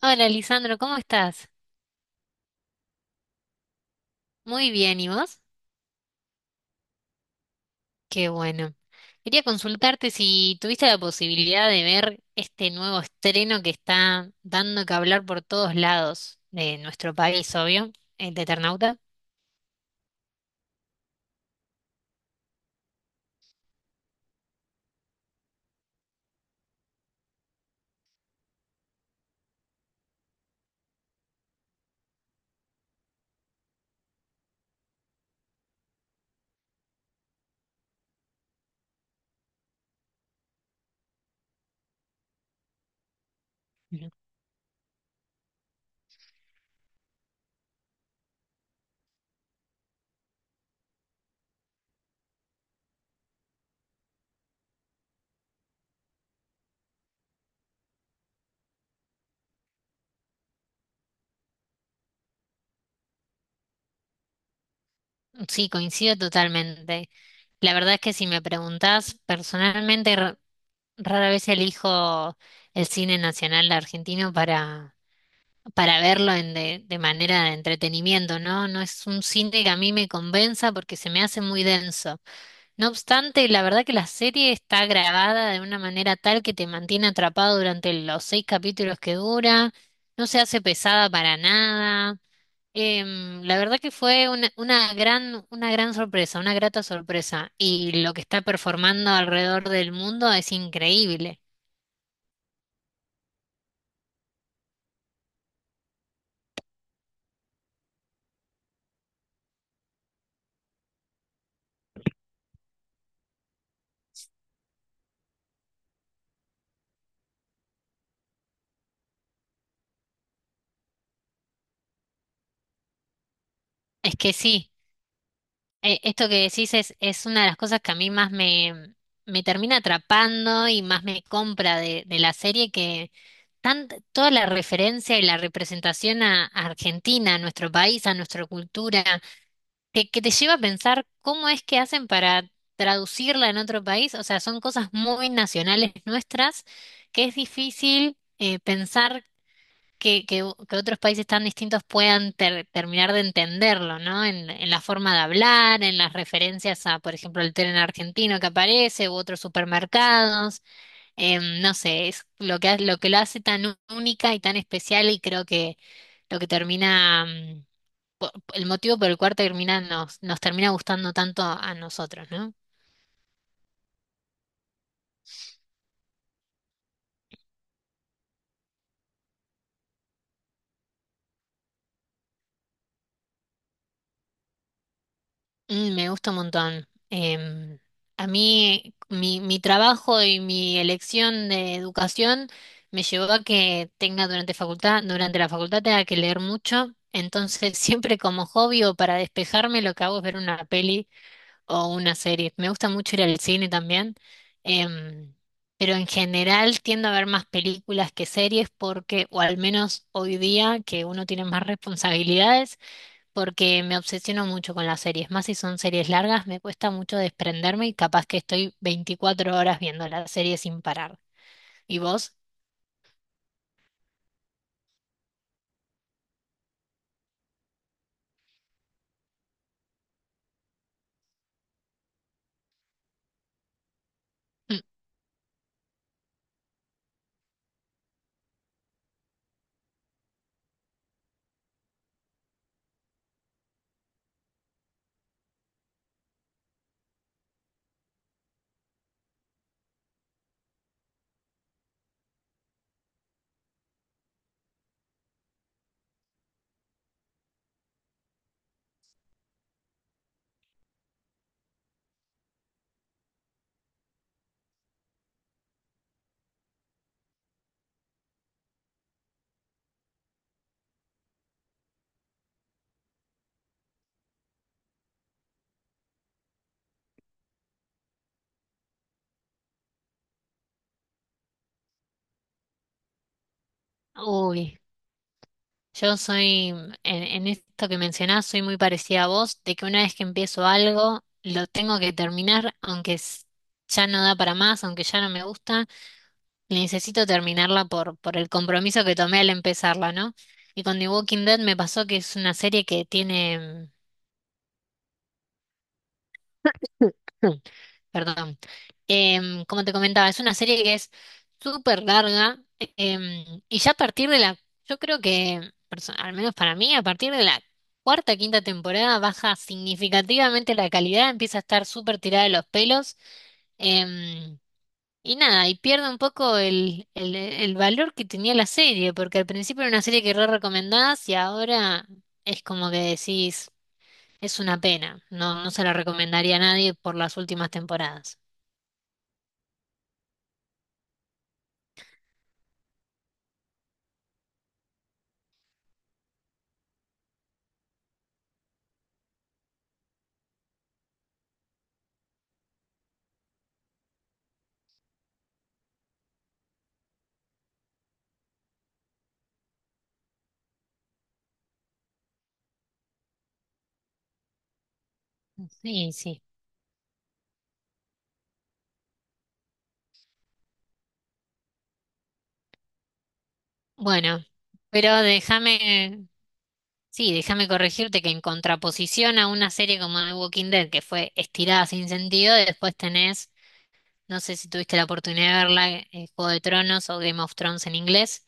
Hola, Lisandro, ¿cómo estás? Muy bien, ¿y vos? Qué bueno. Quería consultarte si tuviste la posibilidad de ver este nuevo estreno que está dando que hablar por todos lados de nuestro país, obvio, el de Eternauta. Ujú. Sí, coincido totalmente. La verdad es que si me preguntás, personalmente, rara vez elijo el cine nacional argentino para verlo de manera de entretenimiento, ¿no? No es un cine que a mí me convenza porque se me hace muy denso. No obstante, la verdad que la serie está grabada de una manera tal que te mantiene atrapado durante los seis capítulos que dura, no se hace pesada para nada. La verdad que fue una gran sorpresa, una grata sorpresa. Y lo que está performando alrededor del mundo es increíble. Es que sí. Esto que decís es una de las cosas que a mí más me termina atrapando y más me compra de la serie, que toda la referencia y la representación a Argentina, a nuestro país, a nuestra cultura, que te lleva a pensar cómo es que hacen para traducirla en otro país. O sea, son cosas muy nacionales nuestras que es difícil pensar que que otros países tan distintos puedan terminar de entenderlo, ¿no? En la forma de hablar, en las referencias a, por ejemplo, el tren argentino que aparece u otros supermercados. No sé, es lo que, lo que lo hace tan única y tan especial y creo que lo que termina, el motivo por el cual termina, nos termina gustando tanto a nosotros, ¿no? Mm, me gusta un montón. A mí, mi trabajo y mi elección de educación me llevó a que tenga durante la facultad tenga que leer mucho. Entonces, siempre como hobby o para despejarme, lo que hago es ver una peli o una serie. Me gusta mucho ir al cine también. em, pero en general tiendo a ver más películas que series porque, o al menos hoy día, que uno tiene más responsabilidades porque me obsesiono mucho con las series, más si son series largas, me cuesta mucho desprenderme y capaz que estoy 24 horas viendo la serie sin parar. ¿Y vos? Mm. Uy, yo soy, en esto que mencionás, soy muy parecida a vos, de que una vez que empiezo algo, lo tengo que terminar, aunque ya no da para más, aunque ya no me gusta, necesito terminarla por el compromiso que tomé al empezarla, ¿no? Y con The Walking Dead me pasó que es una serie que tiene... perdón. Como te comentaba, es una serie que es súper larga, y ya a partir de la, yo creo que, al menos para mí, a partir de la cuarta, quinta temporada baja significativamente la calidad, empieza a estar súper tirada de los pelos, em, y nada, y pierde un poco el valor que tenía la serie, porque al principio era una serie que re recomendabas y ahora es como que decís, es una pena, no, no se la recomendaría a nadie por las últimas temporadas. Sí, sí. Bueno, pero déjame, sí, déjame corregirte que en contraposición a una serie como The Walking Dead, que fue estirada sin sentido, después tenés, no sé si tuviste la oportunidad de verla, Juego de Tronos o Game of Thrones en inglés,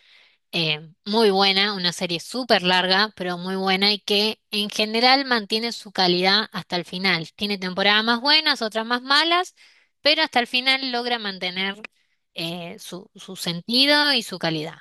eh, muy buena, una serie súper larga, pero muy buena y que en general mantiene su calidad hasta el final. Tiene temporadas más buenas, otras más malas, pero hasta el final logra mantener su sentido y su calidad.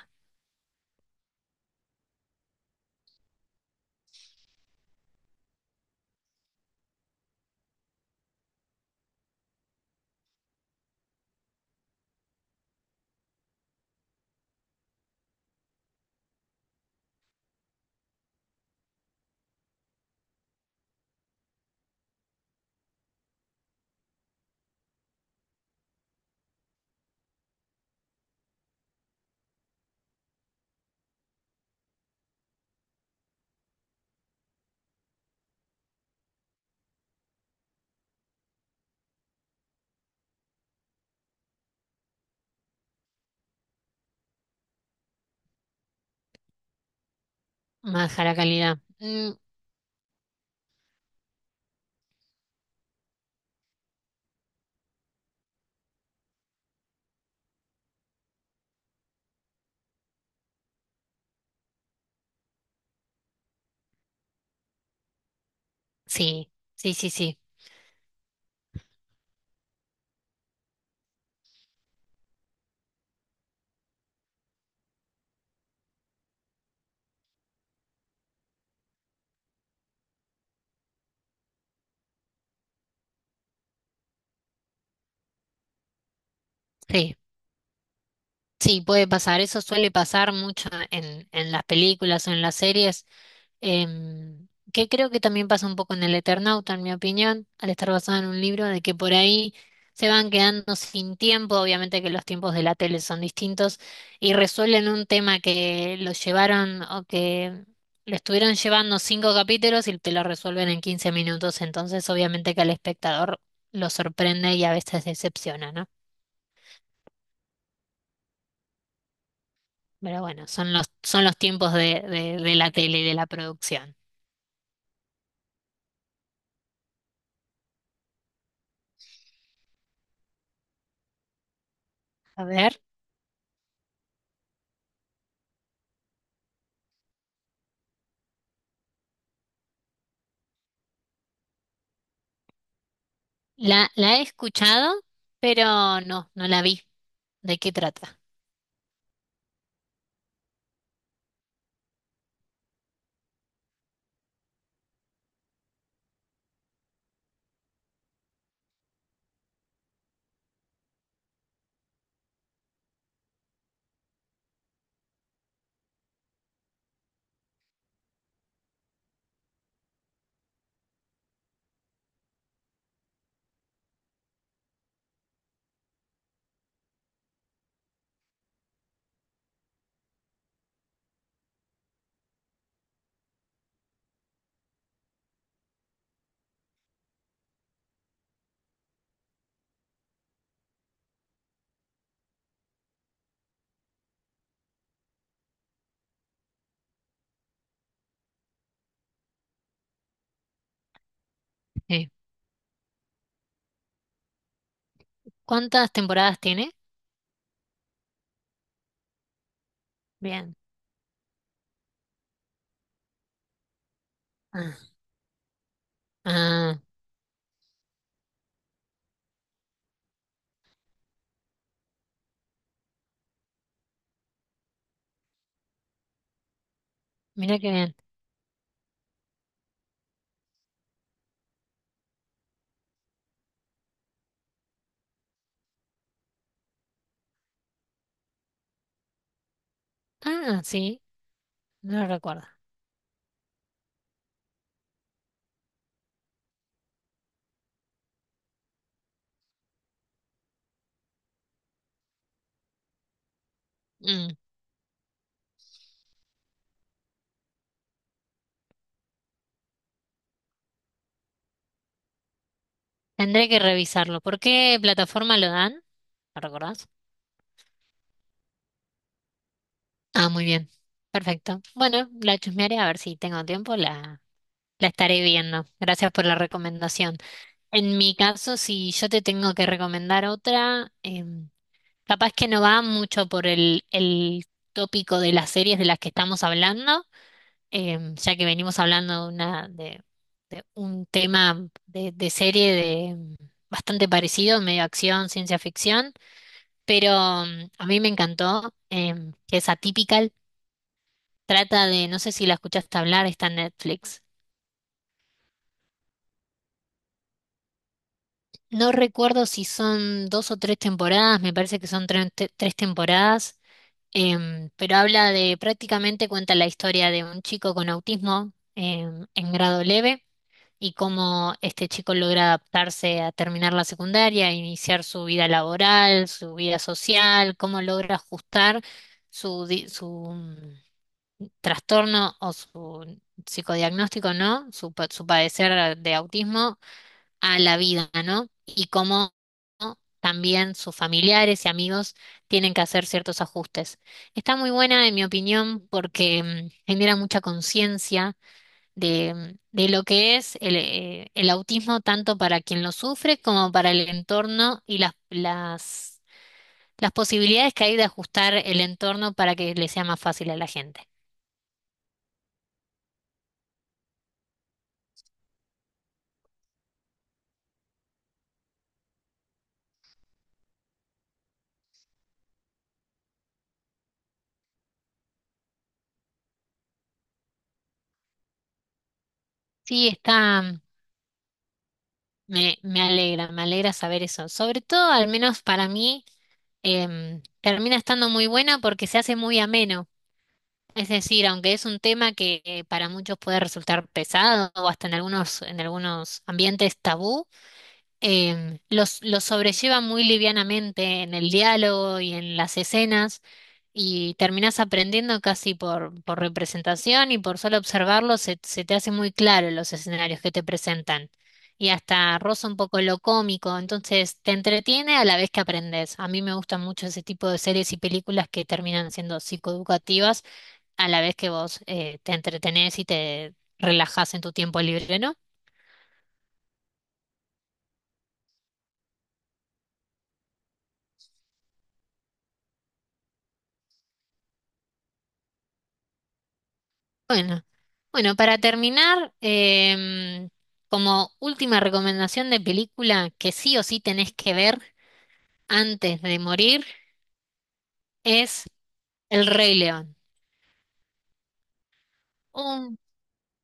Baja la calidad. Mm, sí, sí, sí, sí, sí, sí, puede pasar. Eso suele pasar mucho en las películas o en las series. em, que creo que también pasa un poco en el Eternauta, en mi opinión, al estar basado en un libro, de que por ahí se van quedando sin tiempo, obviamente que los tiempos de la tele son distintos, y resuelven un tema que lo llevaron o que lo estuvieron llevando cinco capítulos y te lo resuelven en 15 minutos, entonces obviamente que al espectador lo sorprende y a veces decepciona, ¿no? Pero bueno, son son los tiempos de de la tele y de la producción. A ver. La he escuchado, pero no, no la vi. ¿De qué trata? Eh, ¿Cuántas temporadas tiene? Bien. Ah, ah, mira qué bien. Ah, sí, no lo recuerdo. Mm, tendré que revisarlo. ¿Por qué plataforma lo dan? ¿Lo recordás? Ah, muy bien. Perfecto. Bueno, la chusmearé a ver si tengo tiempo, la estaré viendo. Gracias por la recomendación. En mi caso, si yo te tengo que recomendar otra, capaz que no va mucho por el tópico de las series de las que estamos hablando, ya que venimos hablando de, de un tema de serie de, bastante parecido, medio acción, ciencia ficción, pero a mí me encantó, que es Atypical, trata de, no sé si la escuchaste hablar, está en Netflix. No recuerdo si son dos o tres temporadas, me parece que son tres temporadas. Pero habla de, prácticamente cuenta la historia de un chico con autismo en grado leve y cómo este chico logra adaptarse a terminar la secundaria, iniciar su vida laboral, su vida social, cómo logra ajustar su, su trastorno o su psicodiagnóstico, ¿no? Su, su padecer de autismo a la vida, ¿no? Y cómo también sus familiares y amigos tienen que hacer ciertos ajustes. Está muy buena, en mi opinión, porque genera mucha conciencia de lo que es el autismo, tanto para quien lo sufre como para el entorno y las posibilidades que hay de ajustar el entorno para que le sea más fácil a la gente. Sí, está, me alegra saber eso. Sobre todo, al menos para mí, termina estando muy buena porque se hace muy ameno. Es decir, aunque es un tema que para muchos puede resultar pesado o hasta en algunos ambientes tabú, los sobrelleva muy livianamente en el diálogo y en las escenas y terminás aprendiendo casi por representación y por solo observarlo se te hace muy claro los escenarios que te presentan y hasta roza un poco lo cómico, entonces te entretiene a la vez que aprendes. A mí me gustan mucho ese tipo de series y películas que terminan siendo psicoeducativas a la vez que vos te entretenés y te relajás en tu tiempo libre, ¿no? Bueno, bueno, para terminar, como última recomendación de película que sí o sí tenés que ver antes de morir es El Rey León. Un,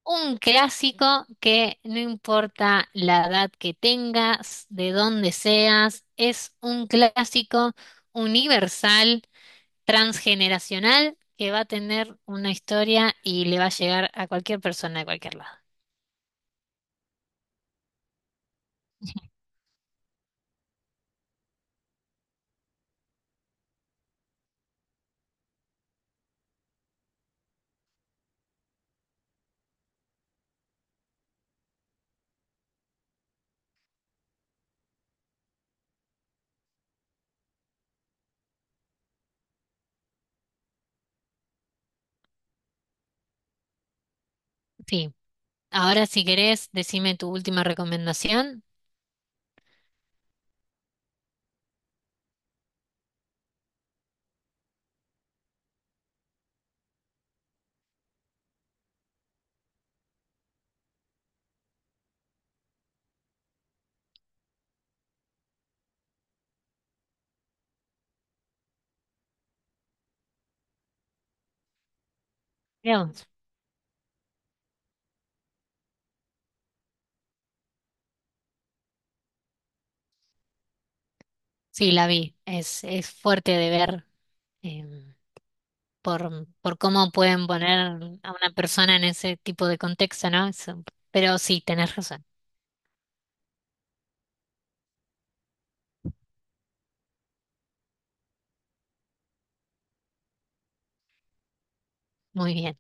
un clásico que no importa la edad que tengas, de dónde seas, es un clásico universal, transgeneracional, que va a tener una historia y le va a llegar a cualquier persona de cualquier lado. Sí. Ahora, si querés, decime tu última recomendación. Creo. Sí, la vi. Es fuerte de ver, em, por cómo pueden poner a una persona en ese tipo de contexto, ¿no? Eso, pero sí, tenés razón. Muy bien.